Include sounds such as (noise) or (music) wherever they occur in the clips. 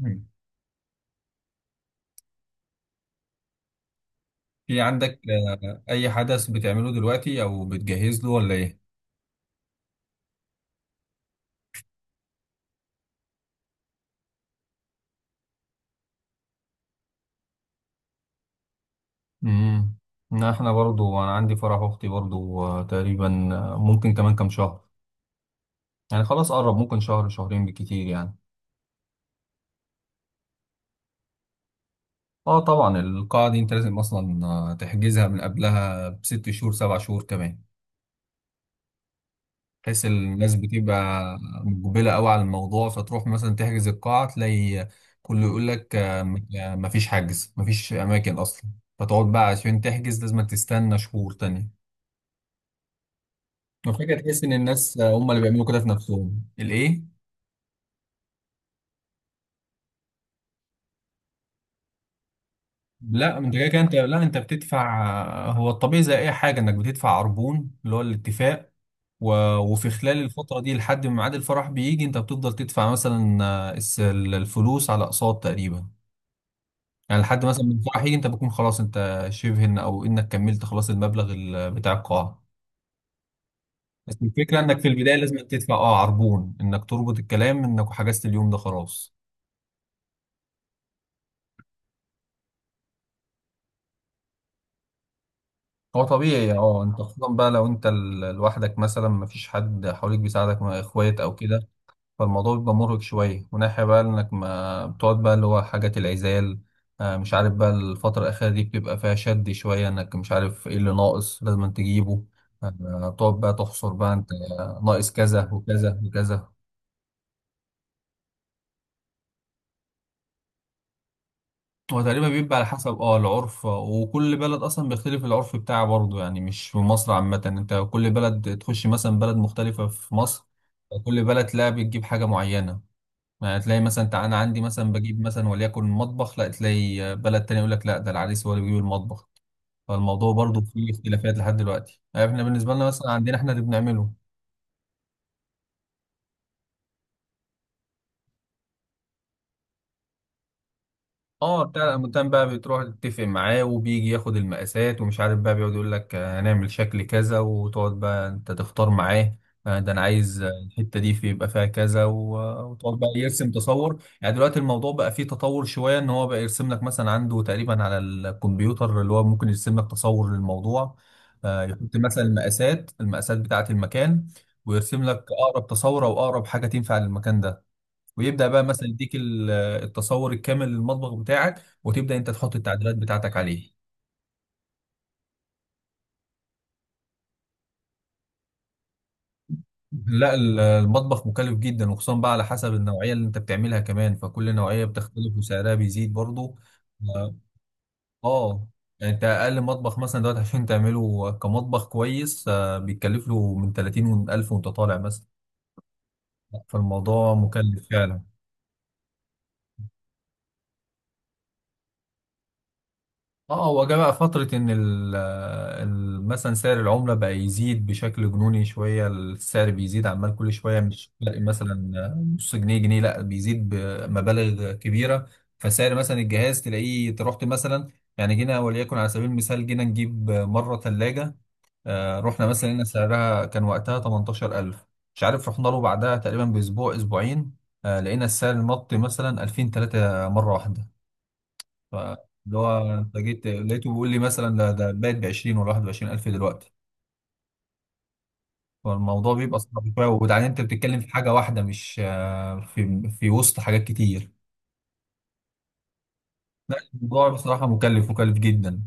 مم. في عندك أي حدث بتعمله دلوقتي أو بتجهز له ولا إيه؟ امم لا، احنا برضو انا عندي فرح اختي برضو تقريبا ممكن كمان كام شهر. يعني خلاص قرب ممكن شهر شهرين بالكتير يعني. اه طبعا القاعة دي أنت لازم أصلا تحجزها من قبلها بست شهور سبع شهور كمان، بحيث الناس بتبقى مقبلة قوي على الموضوع، فتروح مثلا تحجز القاعة تلاقي كله يقول لك مفيش حجز مفيش أماكن أصلا، فتقعد بقى عشان تحجز لازم تستنى شهور تانية. وفجأة تحس إن الناس هم اللي بيعملوا كده في نفسهم الإيه؟ لا انت كده كده انت لا انت بتدفع، هو الطبيعي زي اي حاجه انك بتدفع عربون اللي هو الاتفاق و... وفي خلال الفتره دي لحد ما ميعاد الفرح بيجي انت بتفضل تدفع مثلا الفلوس على اقساط تقريبا. يعني لحد مثلا من فرحي انت بتكون خلاص انت شبه ان او انك كملت خلاص المبلغ بتاع القاعه. بس الفكره انك في البدايه لازم تدفع اه عربون انك تربط الكلام انك حجزت اليوم ده خلاص. هو طبيعي اه انت خصوصا بقى لو انت لوحدك مثلا مفيش حد حواليك بيساعدك مع اخوات او كده. فالموضوع بيبقى مرهق شوية، وناحية بقى إنك ما بتقعد بقى اللي هو حاجة العزال. مش عارف بقى الفترة الأخيرة دي بتبقى فيها شد شوية إنك مش عارف إيه اللي ناقص لازم تجيبه. بتقعد بقى تحصر بقى أنت ناقص كذا وكذا وكذا. هو تقريبا بيبقى على حسب اه العرف، وكل بلد أصلا بيختلف العرف بتاعه برضه. يعني مش في مصر عامة، أنت كل بلد تخش مثلا بلد مختلفة في مصر كل بلد تلاقي بتجيب حاجة معينة. ما تلاقي مثلا انا عندي مثلا بجيب مثلا وليكن مطبخ، لا تلاقي بلد تاني يقول لك لا ده العريس هو اللي بيجيب المطبخ. فالموضوع برضو فيه اختلافات لحد دلوقتي. يعني احنا بالنسبه لنا مثلا عندنا احنا اللي بنعمله. اه بتاع العمودان بقى بتروح تتفق معاه وبيجي ياخد المقاسات ومش عارف بقى بيقعد يقول لك هنعمل شكل كذا وتقعد بقى انت تختار معاه ده انا عايز الحته دي في يبقى فيها كذا وتقعد بقى يرسم تصور. يعني دلوقتي الموضوع بقى فيه تطور شويه ان هو بقى يرسم لك مثلا عنده تقريبا على الكمبيوتر اللي هو ممكن يرسم لك تصور للموضوع. يحط مثلا المقاسات بتاعه المكان ويرسم لك اقرب تصور او اقرب حاجه تنفع للمكان ده، ويبدا بقى مثلا يديك التصور الكامل للمطبخ بتاعك وتبدا انت تحط التعديلات بتاعتك عليه. لا المطبخ مكلف جدا وخصوصا بقى على حسب النوعيه اللي انت بتعملها كمان، فكل نوعيه بتختلف وسعرها بيزيد برضه. اه، آه، يعني انت اقل مطبخ مثلا دلوقتي عشان تعمله كمطبخ كويس بيتكلف له من 30 ألف وانت طالع مثلا. فالموضوع مكلف فعلا. اه هو جه بقى فترة إن مثلا سعر العملة بقى يزيد بشكل جنوني شوية، السعر بيزيد عمال كل شوية، مش تلاقي مثلا نص جنيه جنيه لا بيزيد بمبالغ كبيرة. فسعر مثلا الجهاز تلاقيه أنت رحت مثلا. يعني جينا وليكن على سبيل المثال جينا نجيب مرة ثلاجة، رحنا مثلا لقينا سعرها كان وقتها 18,000. مش عارف رحنا له بعدها تقريبا بأسبوع أسبوعين لقينا السعر نط مثلا 2000 3 مرة واحدة. فاللي هو انت جيت لقيته بيقول لي مثلا ده بقت ب 20 ولا 21 الف دلوقتي. فالموضوع بيبقى صعب شويه، وبعدين انت بتتكلم في حاجه واحده مش في في وسط حاجات كتير. لا الموضوع بصراحه مكلف جدا.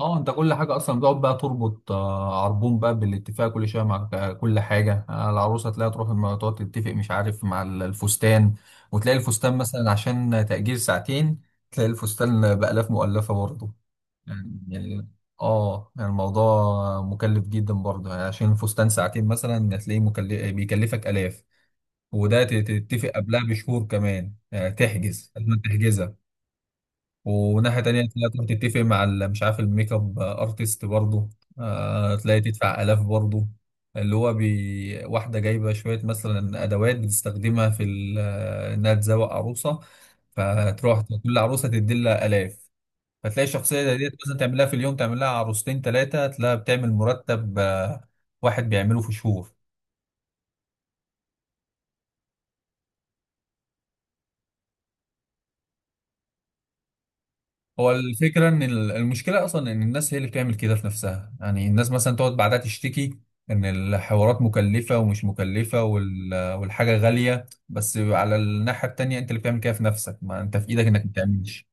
اه انت كل حاجه اصلا بتقعد بقى تربط عربون بقى بالاتفاق كل شويه مع كل حاجه العروسه تلاقيها تروح تقعد تتفق مش عارف مع الفستان. وتلاقي الفستان مثلا عشان تأجير ساعتين تلاقي الفستان بآلاف مؤلفه برضه. يعني اه يعني الموضوع مكلف جدا برضه، يعني عشان الفستان ساعتين مثلا هتلاقيه مكلف بيكلفك آلاف. وده تتفق قبلها بشهور كمان، يعني تحجز لازم تحجزها. وناحية تانية تلاقي تروح تتفق مع مش عارف الميك اب ارتست برضه تلاقي تدفع آلاف برضه. اللي هو بي... واحدة جايبة شوية مثلا أدوات بتستخدمها في إنها تزوق عروسة، فتروح كل عروسة تدي لها آلاف. فتلاقي الشخصية زي ديت مثلا تعملها في اليوم تعملها عروستين ثلاثة، تلاقيها بتعمل مرتب واحد بيعمله في شهور. هو الفكرة إن المشكلة أصلا إن الناس هي اللي بتعمل كده في نفسها. يعني الناس مثلا تقعد بعدها تشتكي إن الحوارات مكلفة ومش مكلفة والحاجة غالية، بس على الناحية التانية أنت اللي بتعمل كده في نفسك، ما أنت في إيدك إنك ما تعملش.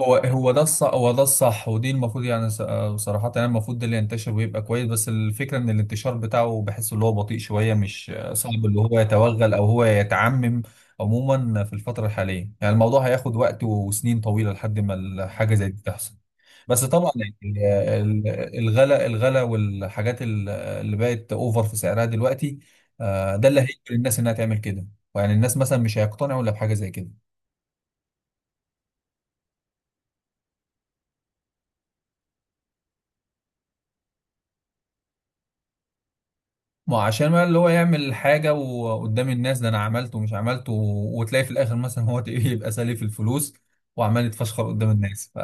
هو ده الصح ودي المفروض يعني صراحة يعني المفروض ده اللي ينتشر ويبقى كويس. بس الفكرة ان الانتشار بتاعه بحس اللي هو بطيء شوية، مش صعب اللي هو يتوغل او هو يتعمم. عموما في الفترة الحالية يعني الموضوع هياخد وقت وسنين طويلة لحد ما الحاجة زي دي تحصل. بس طبعا يعني الغلا والحاجات اللي بقت اوفر في سعرها دلوقتي ده اللي هيجبر الناس انها تعمل كده. يعني الناس مثلا مش هيقتنعوا الا بحاجة زي كده. ما هو عشان بقى اللي هو يعمل حاجة وقدام الناس ده أنا عملته ومش عملته، وتلاقي في الآخر مثلا هو (laughs) تلاقيه يبقى سالي في الفلوس وعمال يتفشخر قدام الناس ف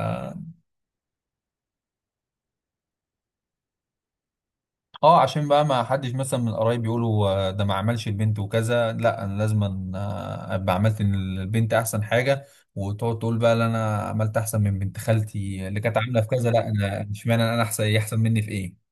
اه عشان بقى ما حدش مثلا من القرايب يقولوا ده ما عملش البنت وكذا، لا أنا لازم أبقى عملت البنت أحسن حاجة. وتقعد تقول بقى لا أنا عملت أحسن من بنت خالتي اللي كانت عاملة في كذا، لا أنا اشمعنى، أنا أحسن، هي أحسن مني في إيه.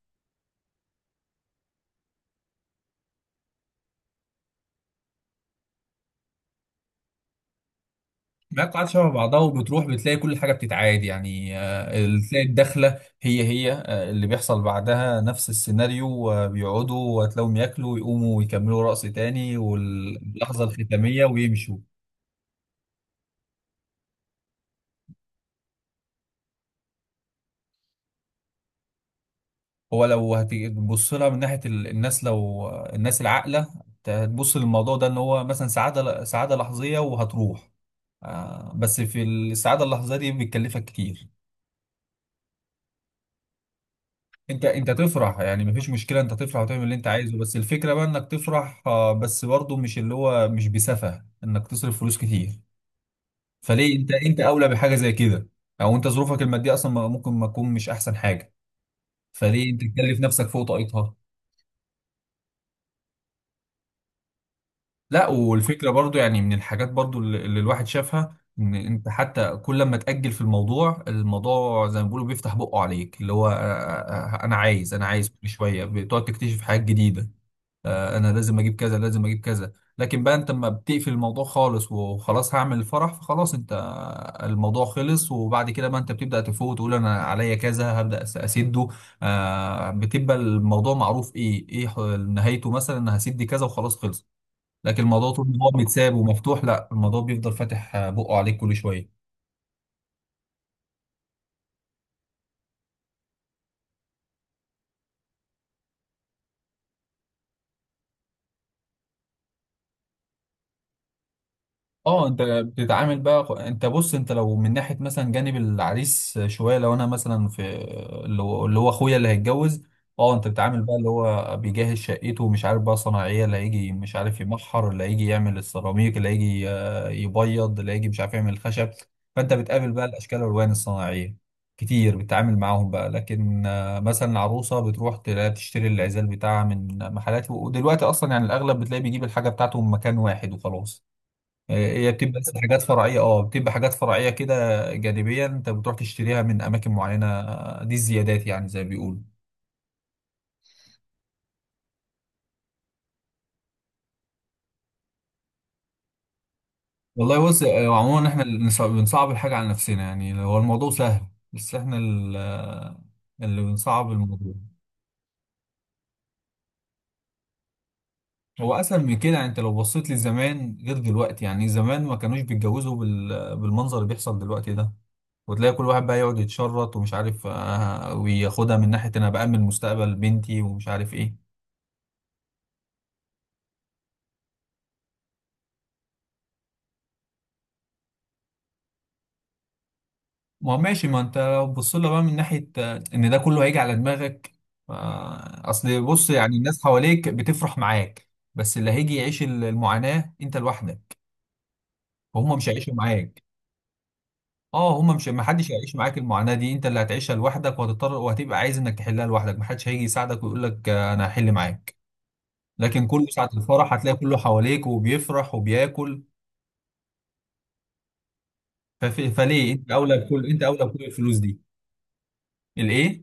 مواقع شبه بعضها، وبتروح بتلاقي كل حاجه بتتعاد، يعني تلاقي الدخله هي هي اللي بيحصل بعدها نفس السيناريو بيقعدوا وتلاقيهم ياكلوا ويقوموا ويكملوا رقص تاني واللحظه الختاميه ويمشوا. هو لو هتبص لها من ناحيه الناس لو الناس العاقله هتبص للموضوع ده ان هو مثلا سعاده سعاده لحظيه وهتروح، بس في السعاده اللحظيه دي بتكلفك كتير. انت تفرح يعني مفيش مشكله انت تفرح وتعمل اللي انت عايزه، بس الفكره بقى انك تفرح بس برضه مش اللي هو مش بسفه انك تصرف فلوس كتير. فليه انت اولى بحاجه زي كده. او انت ظروفك الماديه اصلا ممكن ما تكون مش احسن حاجه، فليه انت تكلف نفسك فوق طاقتها. لا والفكره برضه يعني من الحاجات برضه اللي الواحد شافها ان انت حتى كل ما تاجل في الموضوع، الموضوع زي ما بيقولوا بيفتح بقه عليك اللي هو انا عايز كل شويه بتقعد تكتشف حاجات جديده انا لازم اجيب كذا لازم اجيب كذا. لكن بقى انت لما بتقفل الموضوع خالص وخلاص هعمل الفرح فخلاص انت الموضوع خلص، وبعد كده بقى انت بتبدأ تفوق وتقول انا عليا كذا هبدأ اسده. آه بتبقى الموضوع معروف ايه نهايته، مثلا انا هسد دي كذا وخلاص خلص. لكن الموضوع طول ما هو متساب ومفتوح لا الموضوع بيفضل فاتح بقه عليك كل شوية. اه انت بتتعامل بقى، انت بص انت لو من ناحيه مثلا جانب العريس شويه، لو انا مثلا في اللي هو اخويا اللي هيتجوز. اه انت بتتعامل بقى اللي هو بيجهز شقته، ومش عارف بقى صناعيه اللي هيجي مش عارف يمحر، اللي هيجي يعمل السيراميك، اللي هيجي يبيض، اللي هيجي مش عارف يعمل الخشب. فانت بتقابل بقى الاشكال والالوان الصناعيه كتير بتتعامل معاهم بقى. لكن مثلا العروسه بتروح تلاقي تشتري العزال بتاعها من محلات، ودلوقتي اصلا يعني الاغلب بتلاقي بيجيب الحاجه بتاعته من مكان واحد وخلاص. هي بتبقى بس حاجات فرعية، اه بتبقى حاجات فرعية كده جانبية انت بتروح تشتريها من اماكن معينة، دي الزيادات يعني زي ما بيقولوا. والله بص، عموما احنا اللي بنصعب الحاجة على نفسنا، يعني هو الموضوع سهل، بس احنا اللي بنصعب الموضوع. هو اسهل من كده، يعني انت لو بصيت لزمان غير دلوقتي، يعني زمان ما كانوش بيتجوزوا بالمنظر اللي بيحصل دلوقتي ده. وتلاقي كل واحد بقى يقعد يتشرط ومش عارف وياخدها من ناحية انا بأمن مستقبل بنتي ومش عارف ايه. ما هو ماشي ما انت لو بص لها بقى من ناحية ان ده كله هيجي على دماغك، اصل بص يعني الناس حواليك بتفرح معاك، بس اللي هيجي يعيش المعاناة انت لوحدك وهم مش هيعيشوا معاك. اه هم مش، ما حدش هيعيش معاك المعاناة دي، انت اللي هتعيشها لوحدك وهتضطر وهتبقى عايز انك تحلها لوحدك، ما حدش هيجي يساعدك ويقول لك انا هحل معاك. لكن كله ساعة الفرح هتلاقي كله حواليك وبيفرح وبياكل. فليه انت اولى بكل الفلوس دي. الايه؟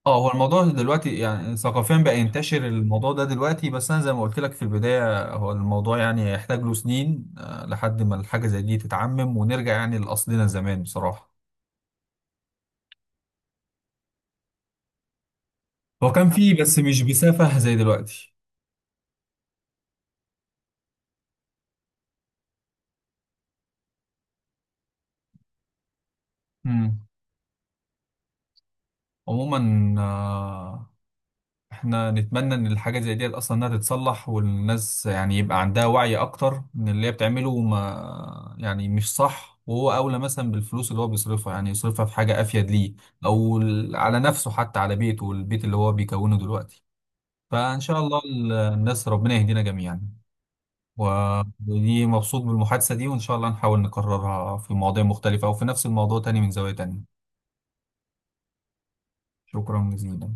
اه هو الموضوع دلوقتي يعني ثقافيا بقى ينتشر الموضوع ده دلوقتي، بس انا زي ما قلت لك في البدايه هو الموضوع يعني يحتاج له سنين لحد ما الحاجه زي دي تتعمم ونرجع يعني لاصلنا زمان بصراحه. هو كان فيه بس مش بسفه زي دلوقتي. امم عموما احنا نتمنى ان الحاجة زي دي اصلا انها تتصلح، والناس يعني يبقى عندها وعي اكتر ان اللي هي بتعمله ما يعني مش صح، وهو اولى مثلا بالفلوس اللي هو بيصرفها، يعني يصرفها في حاجة افيد ليه او على نفسه حتى على بيته والبيت اللي هو بيكونه دلوقتي. فان شاء الله الناس ربنا يهدينا جميعا. و- ودي مبسوط بالمحادثة دي، وان شاء الله نحاول نكررها في مواضيع مختلفة او في نفس الموضوع تاني من زاوية تانية. شكرا جزيلا.